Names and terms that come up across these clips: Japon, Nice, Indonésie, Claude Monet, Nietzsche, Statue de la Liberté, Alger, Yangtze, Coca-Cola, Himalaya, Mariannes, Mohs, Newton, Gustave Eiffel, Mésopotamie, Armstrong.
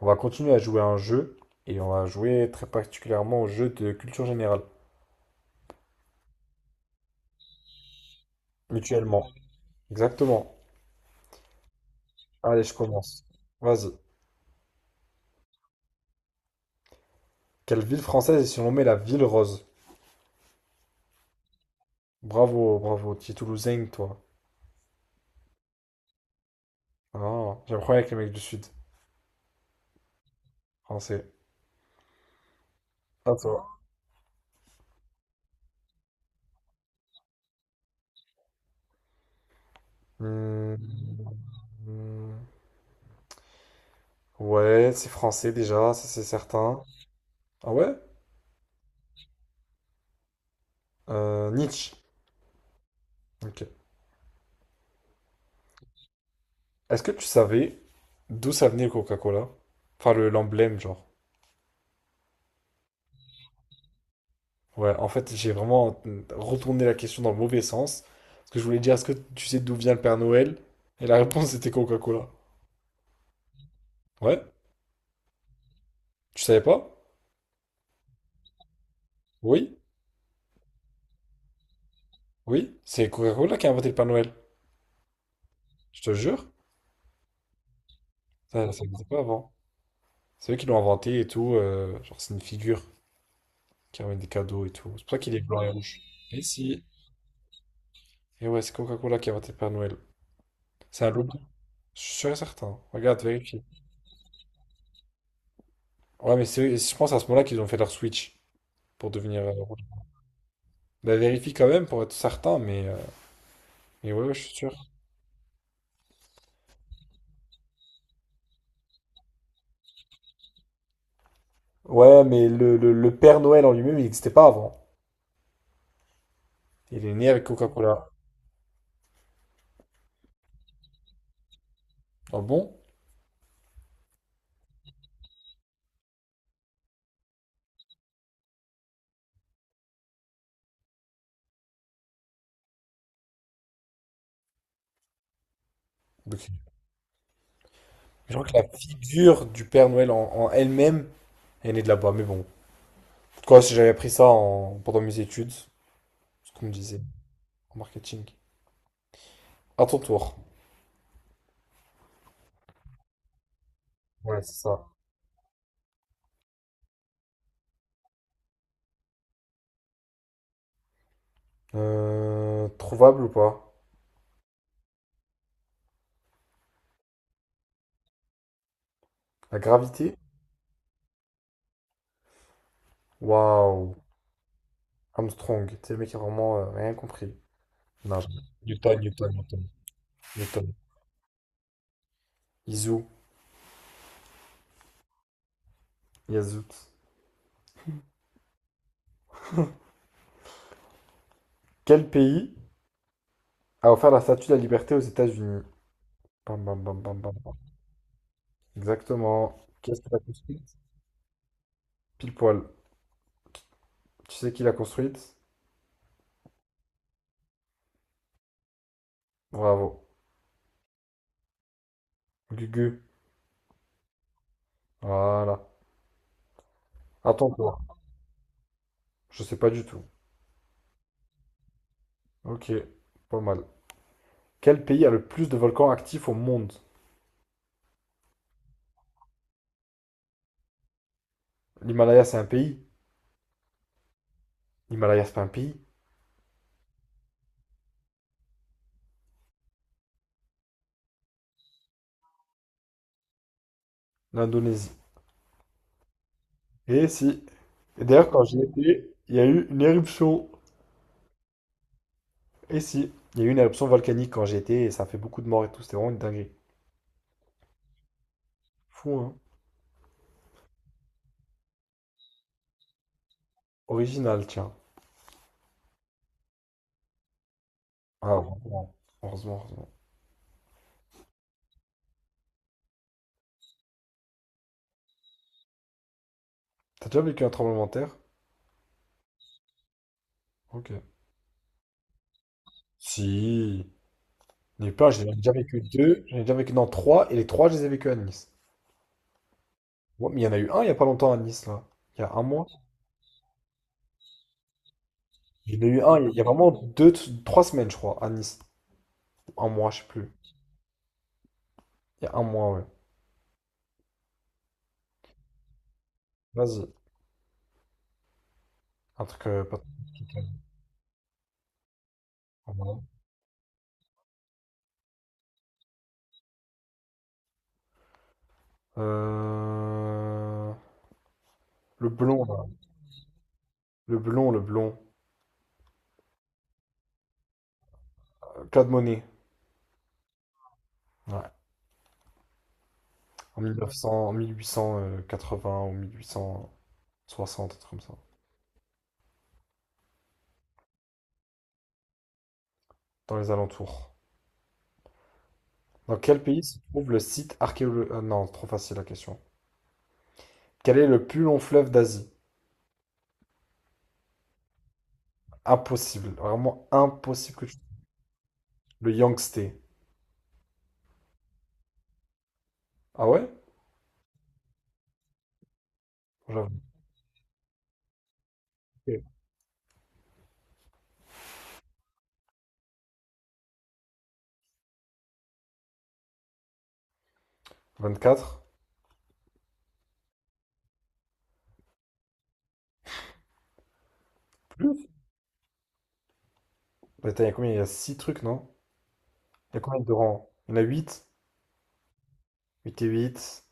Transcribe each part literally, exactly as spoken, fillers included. On va continuer à jouer à un jeu et on va jouer très particulièrement au jeu de culture générale, mutuellement. Exactement. Allez, je commence. Vas-y. Quelle ville française est surnommée la ville rose? Bravo, bravo. Tu es toulousain, toi. Ah, j'ai un problème avec les mecs du sud. Français. À toi. Hmm. Ouais, c'est français déjà, ça c'est certain. Ah ouais? Euh, Nietzsche. Ok. Est-ce que tu savais d'où ça venait le Coca-Cola? Enfin, le, l'emblème, genre. Ouais, en fait, j'ai vraiment retourné la question dans le mauvais sens. Parce que je voulais dire, est-ce que tu sais d'où vient le Père Noël? Et la réponse, c'était Coca-Cola. Ouais, tu savais pas? Oui, oui, c'est Coca-Cola qui a inventé le Père Noël. Je te jure, ça, ça n'existait pas avant. C'est eux qui l'ont inventé et tout. Euh, genre, c'est une figure qui ramène des cadeaux et tout. C'est pour ça qu'il est blanc et rouge. Et si? Et ouais, c'est Coca-Cola qui a inventé le Père Noël. C'est un lobby. Je suis sûr et certain. Regarde, vérifie. Ouais, mais c'est, je pense à ce moment-là qu'ils ont fait leur switch pour devenir. euh, rouge. Bah, vérifie quand même pour être certain, mais. euh, Et ouais, ouais, je suis sûr. Ouais, mais le, le- le Père Noël en lui-même, il n'existait pas avant. Il est né avec Coca-Cola. Ah bon? Ok. Je crois que la figure du Père Noël en, en elle-même, elle est née de là-bas. Mais bon, quoi, si j'avais appris ça en- pendant mes études, ce qu'on me disait en marketing. À ton tour. Ouais, c'est ça. Euh, trouvable ou pas? La gravité? Waouh. Armstrong, c'est le mec qui a vraiment euh, rien compris. Non. Newton, Newton, Newton. Newton. Izu. Yazout. Quel pays a offert la Statue de la Liberté aux États-Unis. Bam, bam, bam, bam, bam. Bam. Exactement. Qu'est-ce qu'il a construit? Pile poil. Tu sais qui l'a construite? Bravo. Gugu. Voilà. Attends, toi. Je sais pas du tout. Ok. Pas mal. Quel pays a le plus de volcans actifs au monde? L'Himalaya, c'est un pays? L'Himalaya, c'est pas un pays? L'Indonésie. Et si. Et d'ailleurs, quand j'y étais, il y a eu une éruption. Et si. Il y a eu une éruption volcanique quand j'y étais et ça a fait beaucoup de morts et tout. C'était vraiment une dinguerie. Fou, hein? Original, tiens. Ah, heureusement, heureusement, heureusement. T'as déjà vécu un tremblement de terre? Ok. Si. Il y en a eu plein, j'en ai déjà vécu deux, j'en ai déjà vécu dans trois, et les trois, je les ai vécu à Nice. Ouais, mais il y en a eu un il y a pas longtemps à Nice, là. Il y a un mois. Il y en a eu un, il y a vraiment deux, trois semaines, je crois, à Nice. Un mois, je sais plus. Il y a un mois, ouais. Vas-y. Un truc euh, pas trop compliqué. Voilà. Euh, Le blond, là. Le blond, le blond. Euh, Claude Monet. Ouais. En mille neuf cents, en mille huit cent euh, quatre-vingts ou mille huit cent soixante, un truc comme ça. Dans les alentours. Dans quel pays se trouve le site archéologique? Non, trop facile la question. Quel est le plus long fleuve d'Asie? Impossible, vraiment impossible que tu... Le Yangtze. Ah ouais? J'avoue. Ok. vingt-quatre? Plus? Attends, il y a combien? Il y a six trucs, non? Il y a combien de rangs? Il y en a huit. 8 et huit,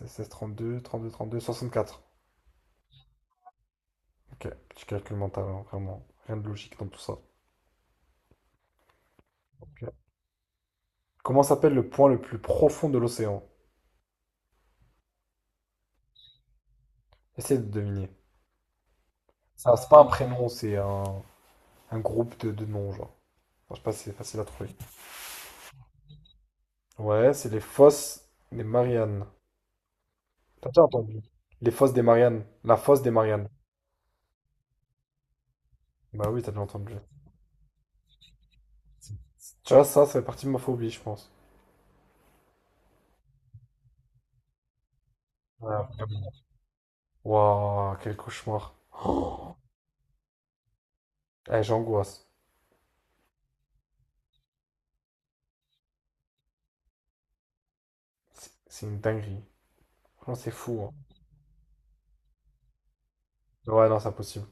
seize, trente-deux, trente-deux, trente-deux, soixante-quatre. Ok, petit calcul mental, hein, vraiment. Rien de logique dans tout ça. Ok. Comment s'appelle le point le plus profond de l'océan? Essaye de deviner. Ça, c'est pas un prénom, c'est un, un groupe de, de noms, genre. Enfin, je sais pas si c'est facile à trouver. Ouais, c'est les fosses des Mariannes. T'as déjà entendu? Les fosses des Mariannes. La fosse des Mariannes. Bah oui, t'as déjà entendu. Tu vois, ça, ça fait partie de ma phobie, je pense. Ouais, vraiment. Waouh, quel cauchemar. Eh, j'angoisse. C'est c'est une dinguerie. Franchement, c'est fou. Hein. Ouais, non, c'est impossible.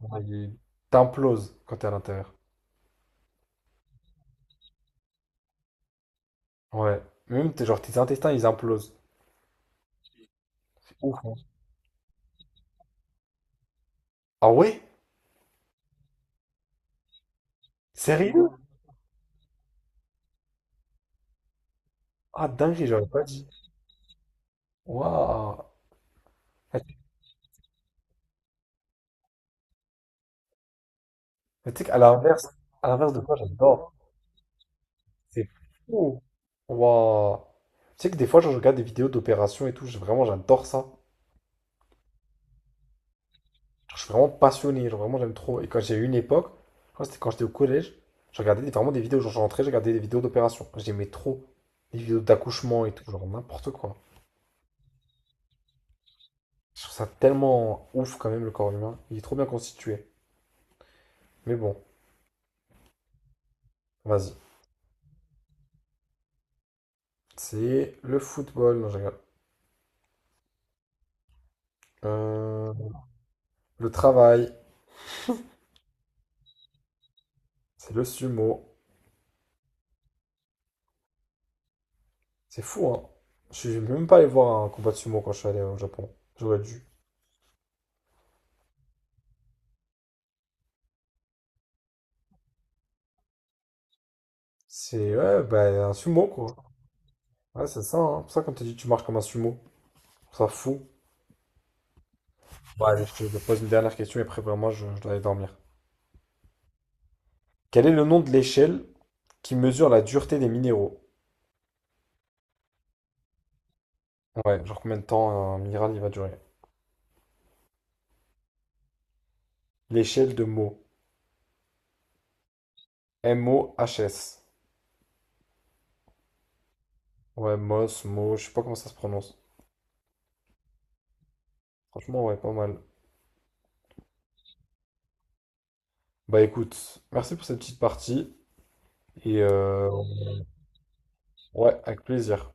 Ouais, il- T'imploses quand t'es à l'intérieur. Ouais. Même, t'es, genre, tes intestins, ils implosent. C'est ouf. Hein. Ah ouais? Sérieux? Ah, dinguerie, j'aurais pas dit. Waouh. Eh, mais tu sais qu'à l'inverse, à l'inverse de quoi j'adore. C'est fou. Waouh. Tu sais que des fois, genre, je regarde des vidéos d'opérations et tout, je- vraiment, j'adore ça. Je suis vraiment passionné, genre, vraiment, j'aime trop. Et quand j'ai eu une époque, je crois que c'était quand j'étais au collège, je regardais des- vraiment des vidéos, genre, je rentrais, je regardais des vidéos d'opérations. J'aimais trop les vidéos d'accouchement et tout, genre, n'importe quoi. Je trouve ça tellement ouf, quand même, le corps humain. Il est trop bien constitué. Mais bon, vas-y. C'est le football, non, je rigole. Euh, le travail, c'est le sumo. C'est fou, hein. Je suis même pas allé voir un combat de sumo quand je suis allé au Japon. J'aurais dû. C'est ouais, bah, un sumo, quoi. Ouais, c'est ça, hein. C'est pour ça, comme t'as dit, tu marches comme un sumo. Je trouve ça fou. Bon, allez, je te pose une dernière question et après, vraiment, je, je dois aller dormir. Quel est le nom de l'échelle qui mesure la dureté des minéraux? Ouais, genre combien de temps un minéral il va durer? L'échelle de Mohs. M O H S. Ouais, Moss, Mo, je sais pas comment ça se prononce. Franchement, ouais, pas mal. Bah écoute, merci pour cette petite partie et euh, ouais, avec plaisir.